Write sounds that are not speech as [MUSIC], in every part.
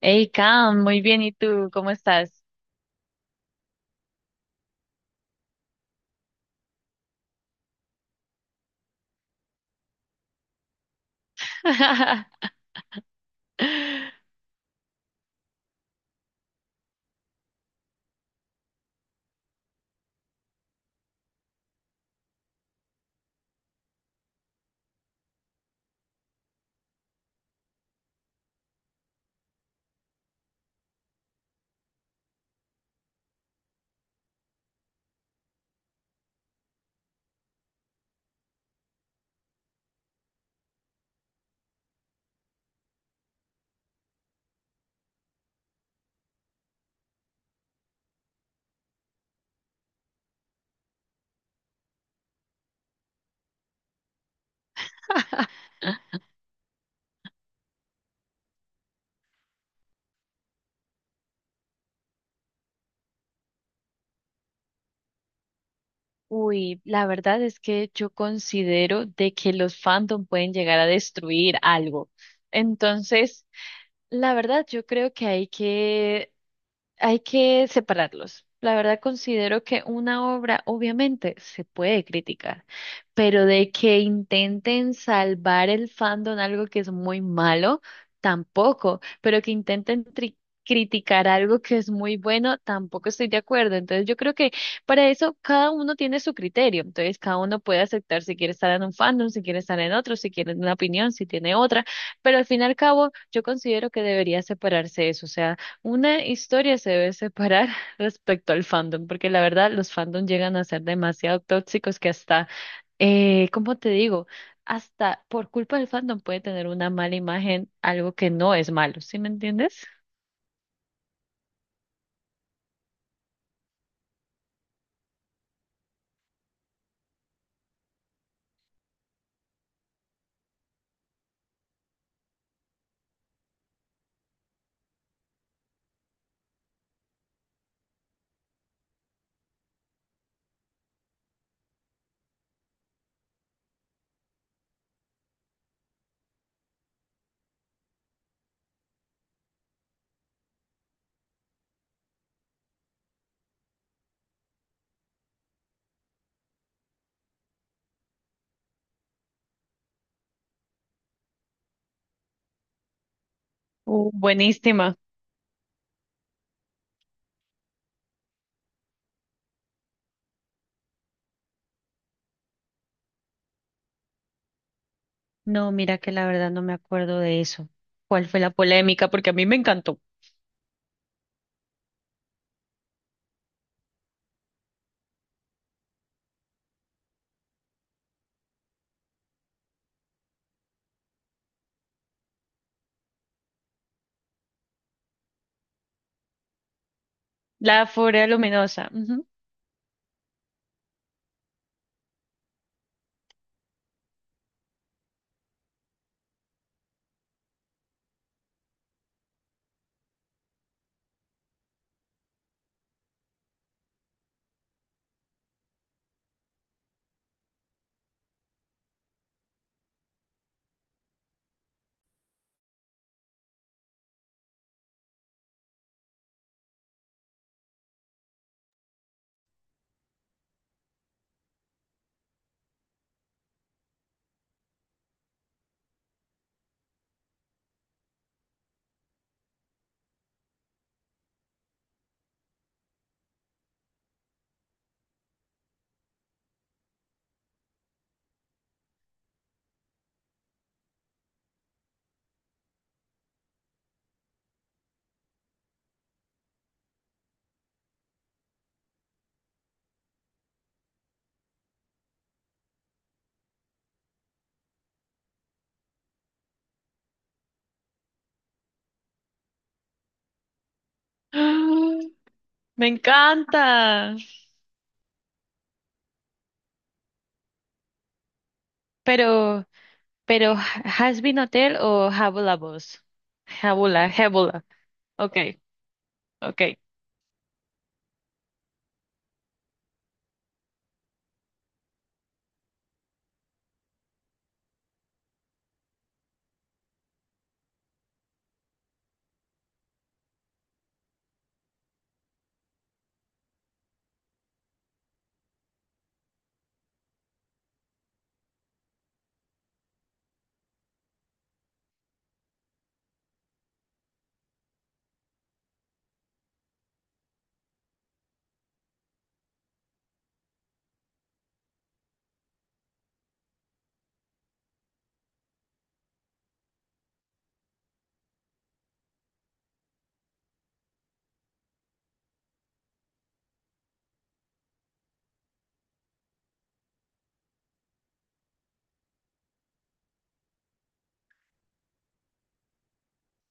Hey, Cam, muy bien. ¿Y tú? ¿Cómo estás? [LAUGHS] Uy, la verdad es que yo considero de que los fandom pueden llegar a destruir algo. Entonces, la verdad yo creo que hay que separarlos. La verdad considero que una obra obviamente se puede criticar, pero de que intenten salvar el fandom algo que es muy malo, tampoco, pero que criticar algo que es muy bueno, tampoco estoy de acuerdo. Entonces yo creo que para eso cada uno tiene su criterio, entonces cada uno puede aceptar si quiere estar en un fandom, si quiere estar en otro, si quiere una opinión, si tiene otra, pero al fin y al cabo yo considero que debería separarse eso, o sea, una historia se debe separar [LAUGHS] respecto al fandom, porque la verdad los fandom llegan a ser demasiado tóxicos que hasta, ¿cómo te digo? Hasta por culpa del fandom puede tener una mala imagen, algo que no es malo, ¿sí me entiendes? Buenísima. No, mira que la verdad no me acuerdo de eso. ¿Cuál fue la polémica? Porque a mí me encantó. La Furia Luminosa. Ujú. [GASPS] ¡Ah! Me encanta. Pero Pero Has Been Hotel o Habula Boss. Habula, habula. Ok, ok.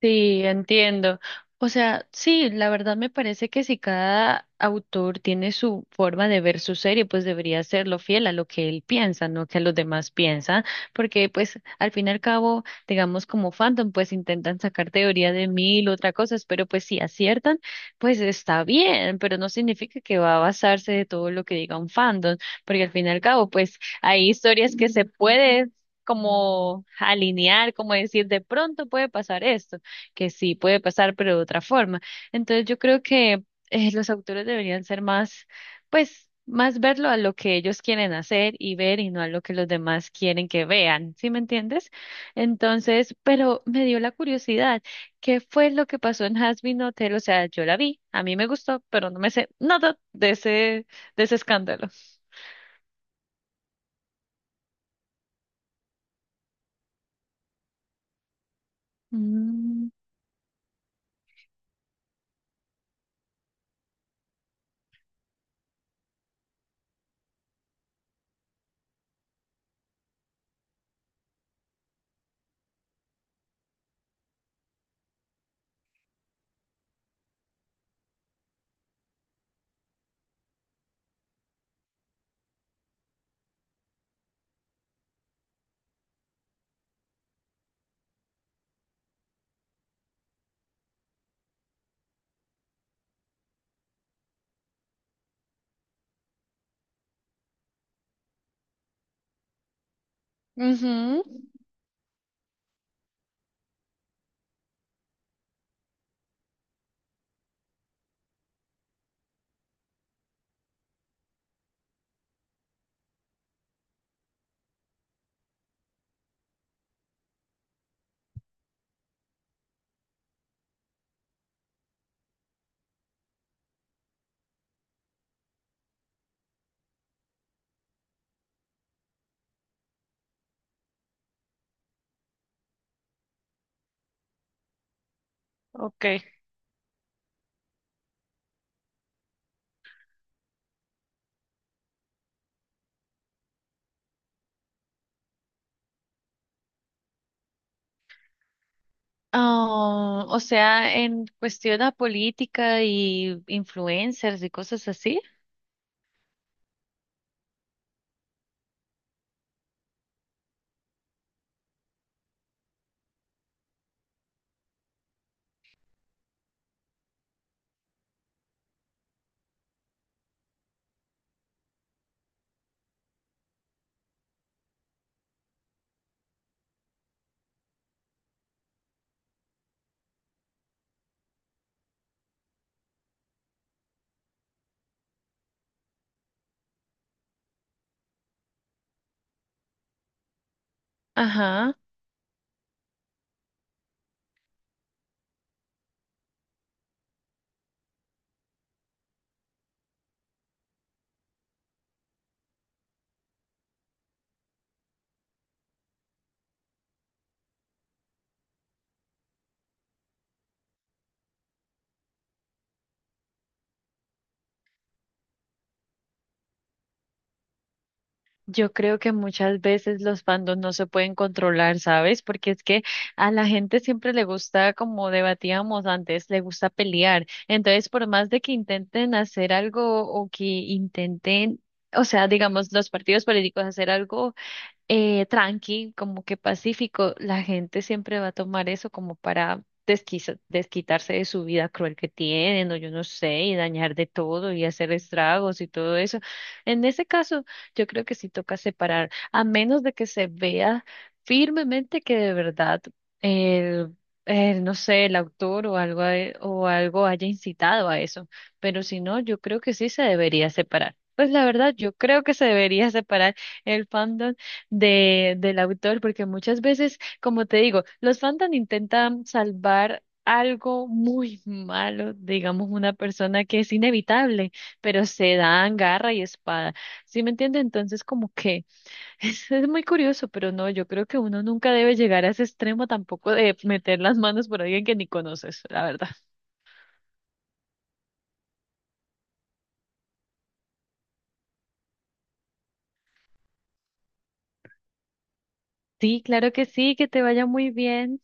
Sí, entiendo. O sea, sí, la verdad me parece que si cada autor tiene su forma de ver su serie, pues debería serlo fiel a lo que él piensa, no que a los demás piensan, porque pues al fin y al cabo, digamos como fandom, pues intentan sacar teoría de mil otras cosas, pero pues si aciertan, pues está bien, pero no significa que va a basarse de todo lo que diga un fandom, porque al fin y al cabo, pues hay historias que se puede como alinear, como decir, de pronto puede pasar esto que sí puede pasar, pero de otra forma. Entonces yo creo que los autores deberían ser más, pues, más verlo a lo que ellos quieren hacer y ver y no a lo que los demás quieren que vean, ¿sí me entiendes? Entonces, pero me dio la curiosidad, ¿qué fue lo que pasó en Hazbin Hotel? O sea, yo la vi, a mí me gustó, pero no me sé nada de ese escándalo. Mm, ujú, ok. Ah, o sea, en cuestión a política y influencers y cosas así. Ajá. Yo creo que muchas veces los fandoms no se pueden controlar, ¿sabes? Porque es que a la gente siempre le gusta, como debatíamos antes, le gusta pelear. Entonces, por más de que intenten hacer algo o que intenten, o sea, digamos, los partidos políticos hacer algo tranqui, como que pacífico, la gente siempre va a tomar eso como para desquitarse de su vida cruel que tienen, o yo no sé, y dañar de todo y hacer estragos y todo eso. En ese caso, yo creo que sí toca separar, a menos de que se vea firmemente que de verdad el, el, no sé, el autor o algo, haya incitado a eso. Pero si no, yo creo que sí se debería separar. Pues la verdad, yo creo que se debería separar el fandom de, del autor, porque muchas veces, como te digo, los fandom intentan salvar algo muy malo, digamos, una persona que es inevitable, pero se dan garra y espada. ¿Sí me entiende? Entonces, como que [LAUGHS] es muy curioso, pero no, yo creo que uno nunca debe llegar a ese extremo tampoco de meter las manos por alguien que ni conoces, la verdad. Sí, claro que sí, que te vaya muy bien.